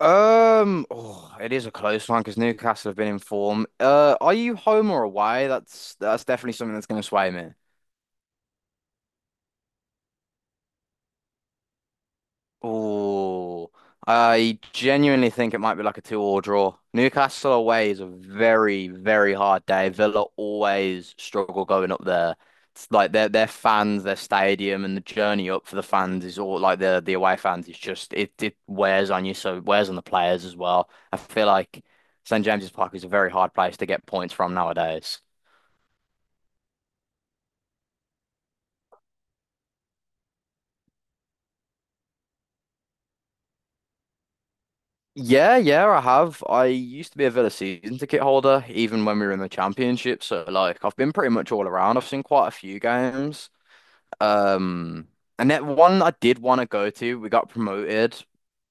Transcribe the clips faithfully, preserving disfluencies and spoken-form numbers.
Um, oh, it is a close one because Newcastle have been in form. Uh, are you home or away? That's that's definitely something that's going to sway me. Oh, I genuinely think it might be like a two-all draw. Newcastle away is a very, very hard day. Villa always struggle going up there. It's like their their fans, their stadium, and the journey up for the fans is all like the the away fans is just it it wears on you, so it wears on the players as well. I feel like St James's Park is a very hard place to get points from nowadays. Yeah, yeah, I have. I used to be a Villa season ticket holder, even when we were in the championship. So like I've been pretty much all around. I've seen quite a few games. Um and that one I did want to go to, we got promoted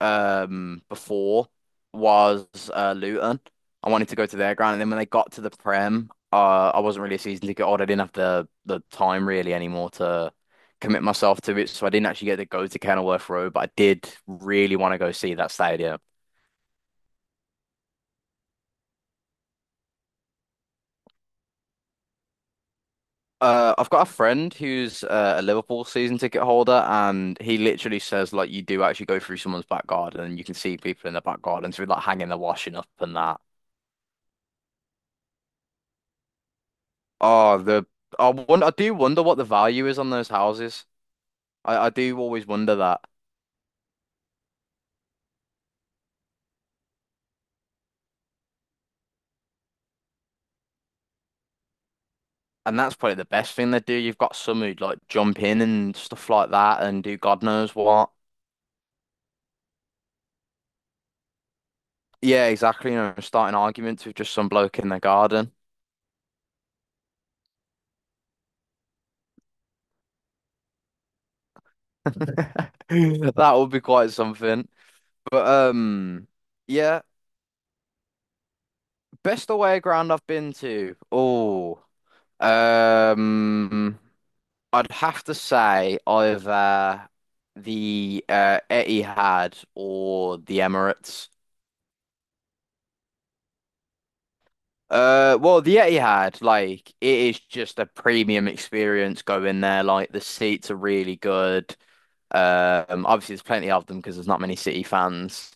um before was uh Luton. I wanted to go to their ground and then when they got to the Prem, uh I wasn't really a season ticket holder. I didn't have the the time really anymore to commit myself to it. So I didn't actually get to go to Kenilworth Road, but I did really want to go see that stadium. Uh, I've got a friend who's uh, a Liverpool season ticket holder, and he literally says like you do actually go through someone's back garden, and you can see people in the back garden, so like hanging their washing up and that. Oh, the I wonder, I do wonder what the value is on those houses. I, I do always wonder that, and that's probably the best thing they do. You've got some who like jump in and stuff like that, and do God knows what. Yeah, exactly. You know, starting arguments with just some bloke in the garden. That would be quite something. But um. Yeah. Best away ground I've been to. Oh, um, I'd have to say either the uh, Etihad or the Emirates. Uh, well, the Etihad, like it is just a premium experience going there. Like the seats are really good. Um, obviously there's plenty of them because there's not many City fans.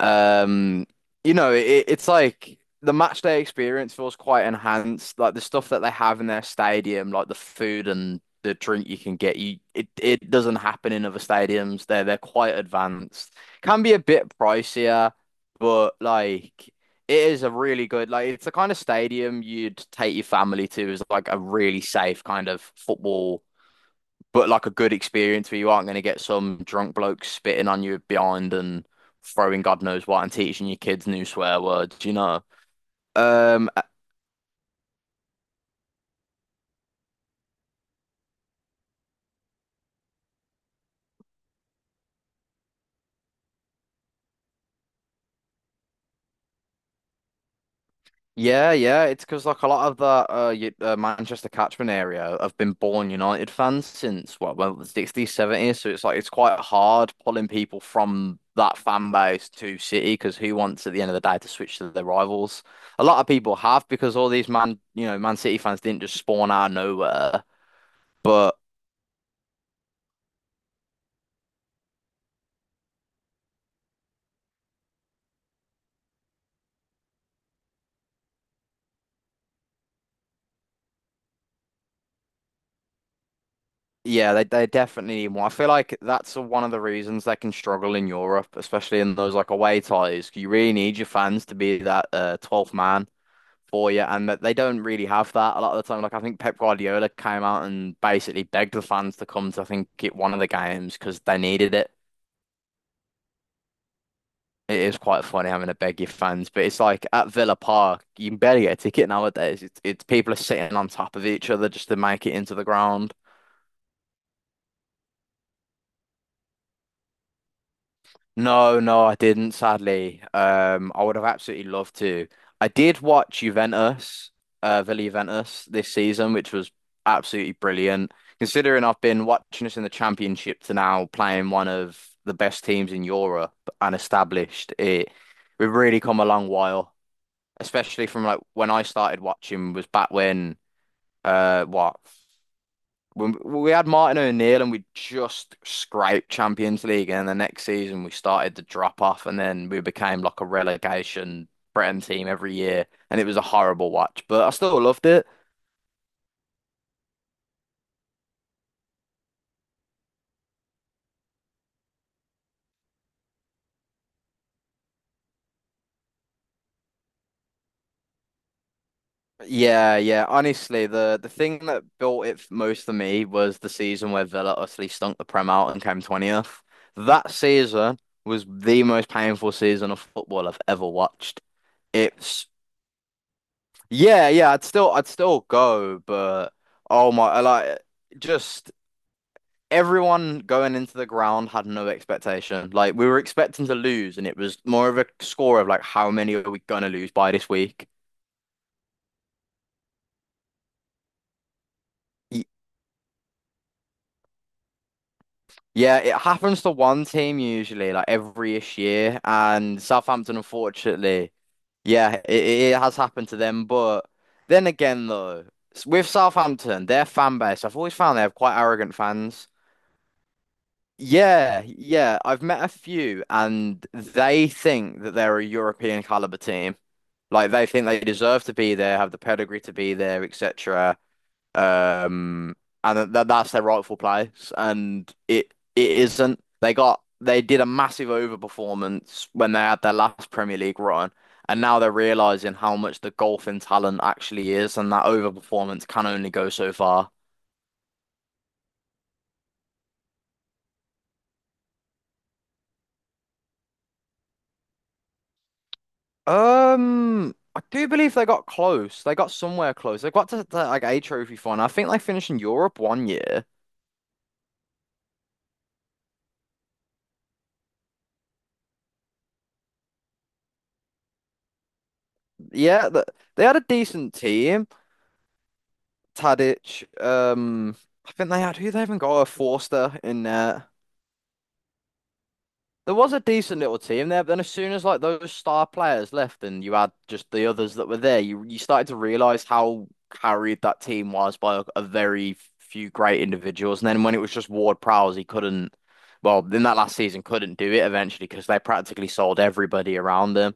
Um, you know, it, it's like the match day experience feels quite enhanced. Like the stuff that they have in their stadium, like the food and the drink you can get, you it, it doesn't happen in other stadiums. They're they're quite advanced. Can be a bit pricier, but like it is a really good like it's the kind of stadium you'd take your family to as like a really safe kind of football, but like a good experience where you aren't going to get some drunk bloke spitting on you behind and throwing God knows what and teaching your kids new swear words, you know. Um, uh, yeah, yeah, it's because like a lot of the uh, you, uh Manchester catchment area have been born United fans since what, well, the sixties, seventies, so it's like it's quite hard pulling people from that fan base to City because who wants at the end of the day to switch to their rivals? A lot of people have because all these Man, you know, Man City fans didn't just spawn out of nowhere, but yeah, they they definitely need more. I feel like that's one of the reasons they can struggle in Europe, especially in those like away ties. You really need your fans to be that uh, twelfth man for you, and that they don't really have that a lot of the time. Like I think Pep Guardiola came out and basically begged the fans to come to, I think, get one of the games because they needed it. It is quite funny having to beg your fans, but it's like at Villa Park, you can barely get a ticket nowadays. It's, it's people are sitting on top of each other just to make it into the ground. No, no, I didn't, sadly. Um, I would have absolutely loved to. I did watch Juventus, uh, Villa Juventus this season, which was absolutely brilliant. Considering I've been watching us in the championship to now playing one of the best teams in Europe and established it, we've really come a long while. Especially from like when I started watching was back when uh what when we had Martin O'Neill and we just scraped Champions League, and then the next season we started to drop off, and then we became like a relegation Britain team every year, and it was a horrible watch, but I still loved it. Yeah, yeah. Honestly, the the thing that built it f- most for me was the season where Villa utterly stunk the Prem out and came twentieth. That season was the most painful season of football I've ever watched. It's Yeah, yeah, I'd still I'd still go, but oh my, I like just everyone going into the ground had no expectation. Like we were expecting to lose, and it was more of a score of like how many are we gonna lose by this week? Y- Yeah, it happens to one team usually, like every-ish year, and Southampton, unfortunately, yeah, it, it has happened to them. But then again, though, s- with Southampton, their fan base, I've always found they have quite arrogant fans. Yeah, yeah. I've met a few and they think that they're a European caliber team. Like they think they deserve to be there, have the pedigree to be there, et cetera. Um, and that that's their rightful place. And it it isn't. They got they did a massive overperformance when they had their last Premier League run, and now they're realizing how much the golfing talent actually is, and that overperformance can only go so far. Um, I do believe they got close. They got somewhere close. They got to, to, like a trophy final. I think they finished in Europe one year. Yeah, th they had a decent team. Tadic. Um, I think they had who they even got a Forster in there. There was a decent little team there, but then as soon as like those star players left and you had just the others that were there, you you started to realize how carried that team was by a, a very few great individuals. And then when it was just Ward-Prowse, he couldn't, well, in that last season, couldn't do it eventually because they practically sold everybody around them.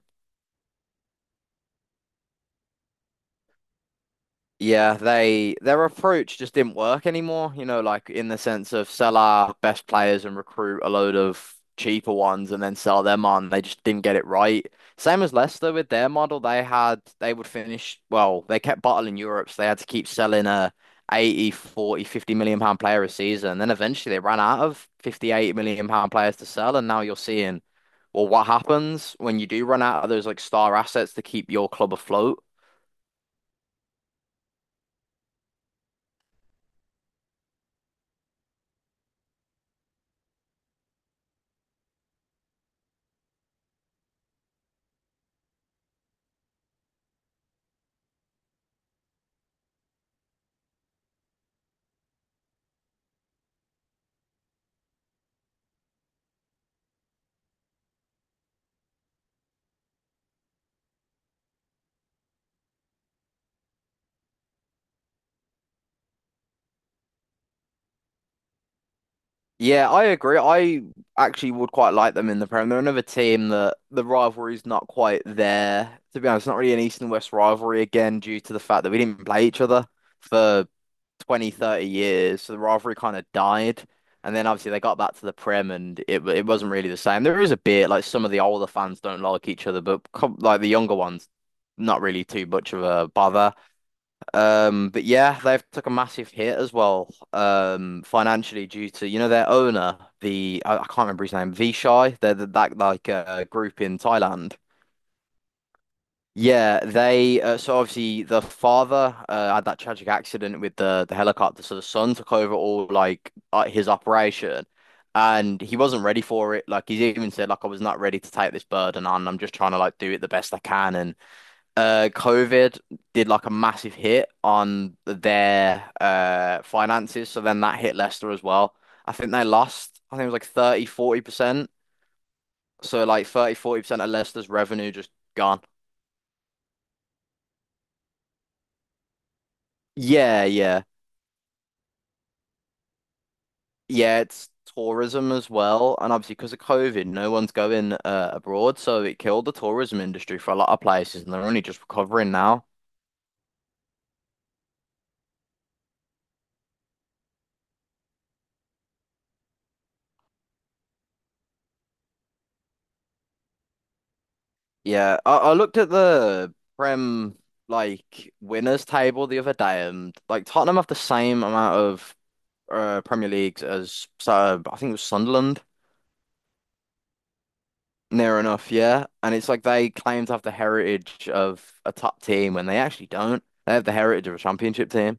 Yeah, they their approach just didn't work anymore, you know, like in the sense of sell our best players and recruit a load of cheaper ones and then sell them on. They just didn't get it right. Same as Leicester with their model, they had they would finish well, they kept bottling Europe, so they had to keep selling a eighty, forty, fifty million pound player a season. Then eventually they ran out of fifty, eighty million pound players to sell, and now you're seeing, well, what happens when you do run out of those like star assets to keep your club afloat? Yeah, I agree. I actually would quite like them in the Prem. They're another team that the rivalry's not quite there. To be honest, it's not really an East and West rivalry again due to the fact that we didn't play each other for twenty, thirty years. So the rivalry kind of died. And then obviously they got back to the Prem and it it wasn't really the same. There is a bit like some of the older fans don't like each other, but com like the younger ones, not really too much of a bother. Um, but yeah, they've took a massive hit as well, um, financially due to you know their owner, the I, I can't remember his name, Vichai. They're the, that like uh, group in Thailand. Yeah, they uh, so obviously the father uh, had that tragic accident with the the helicopter, so the son took over all like uh, his operation, and he wasn't ready for it. Like he's even said, like I was not ready to take this burden on. I'm just trying to like do it the best I can, and uh COVID did like a massive hit on their uh finances, so then that hit Leicester as well. I think they lost, I think it was like thirty, forty percent, so like thirty, forty percent of Leicester's revenue just gone. Yeah, yeah, yeah, it's tourism as well, and obviously because of COVID no one's going uh, abroad, so it killed the tourism industry for a lot of places and they're only just recovering now. Yeah, I, I looked at the Prem like winners table the other day, and like Tottenham have the same amount of uh, Premier Leagues as uh, I think it was Sunderland, near enough. Yeah, and it's like they claim to have the heritage of a top team when they actually don't. They have the heritage of a championship team.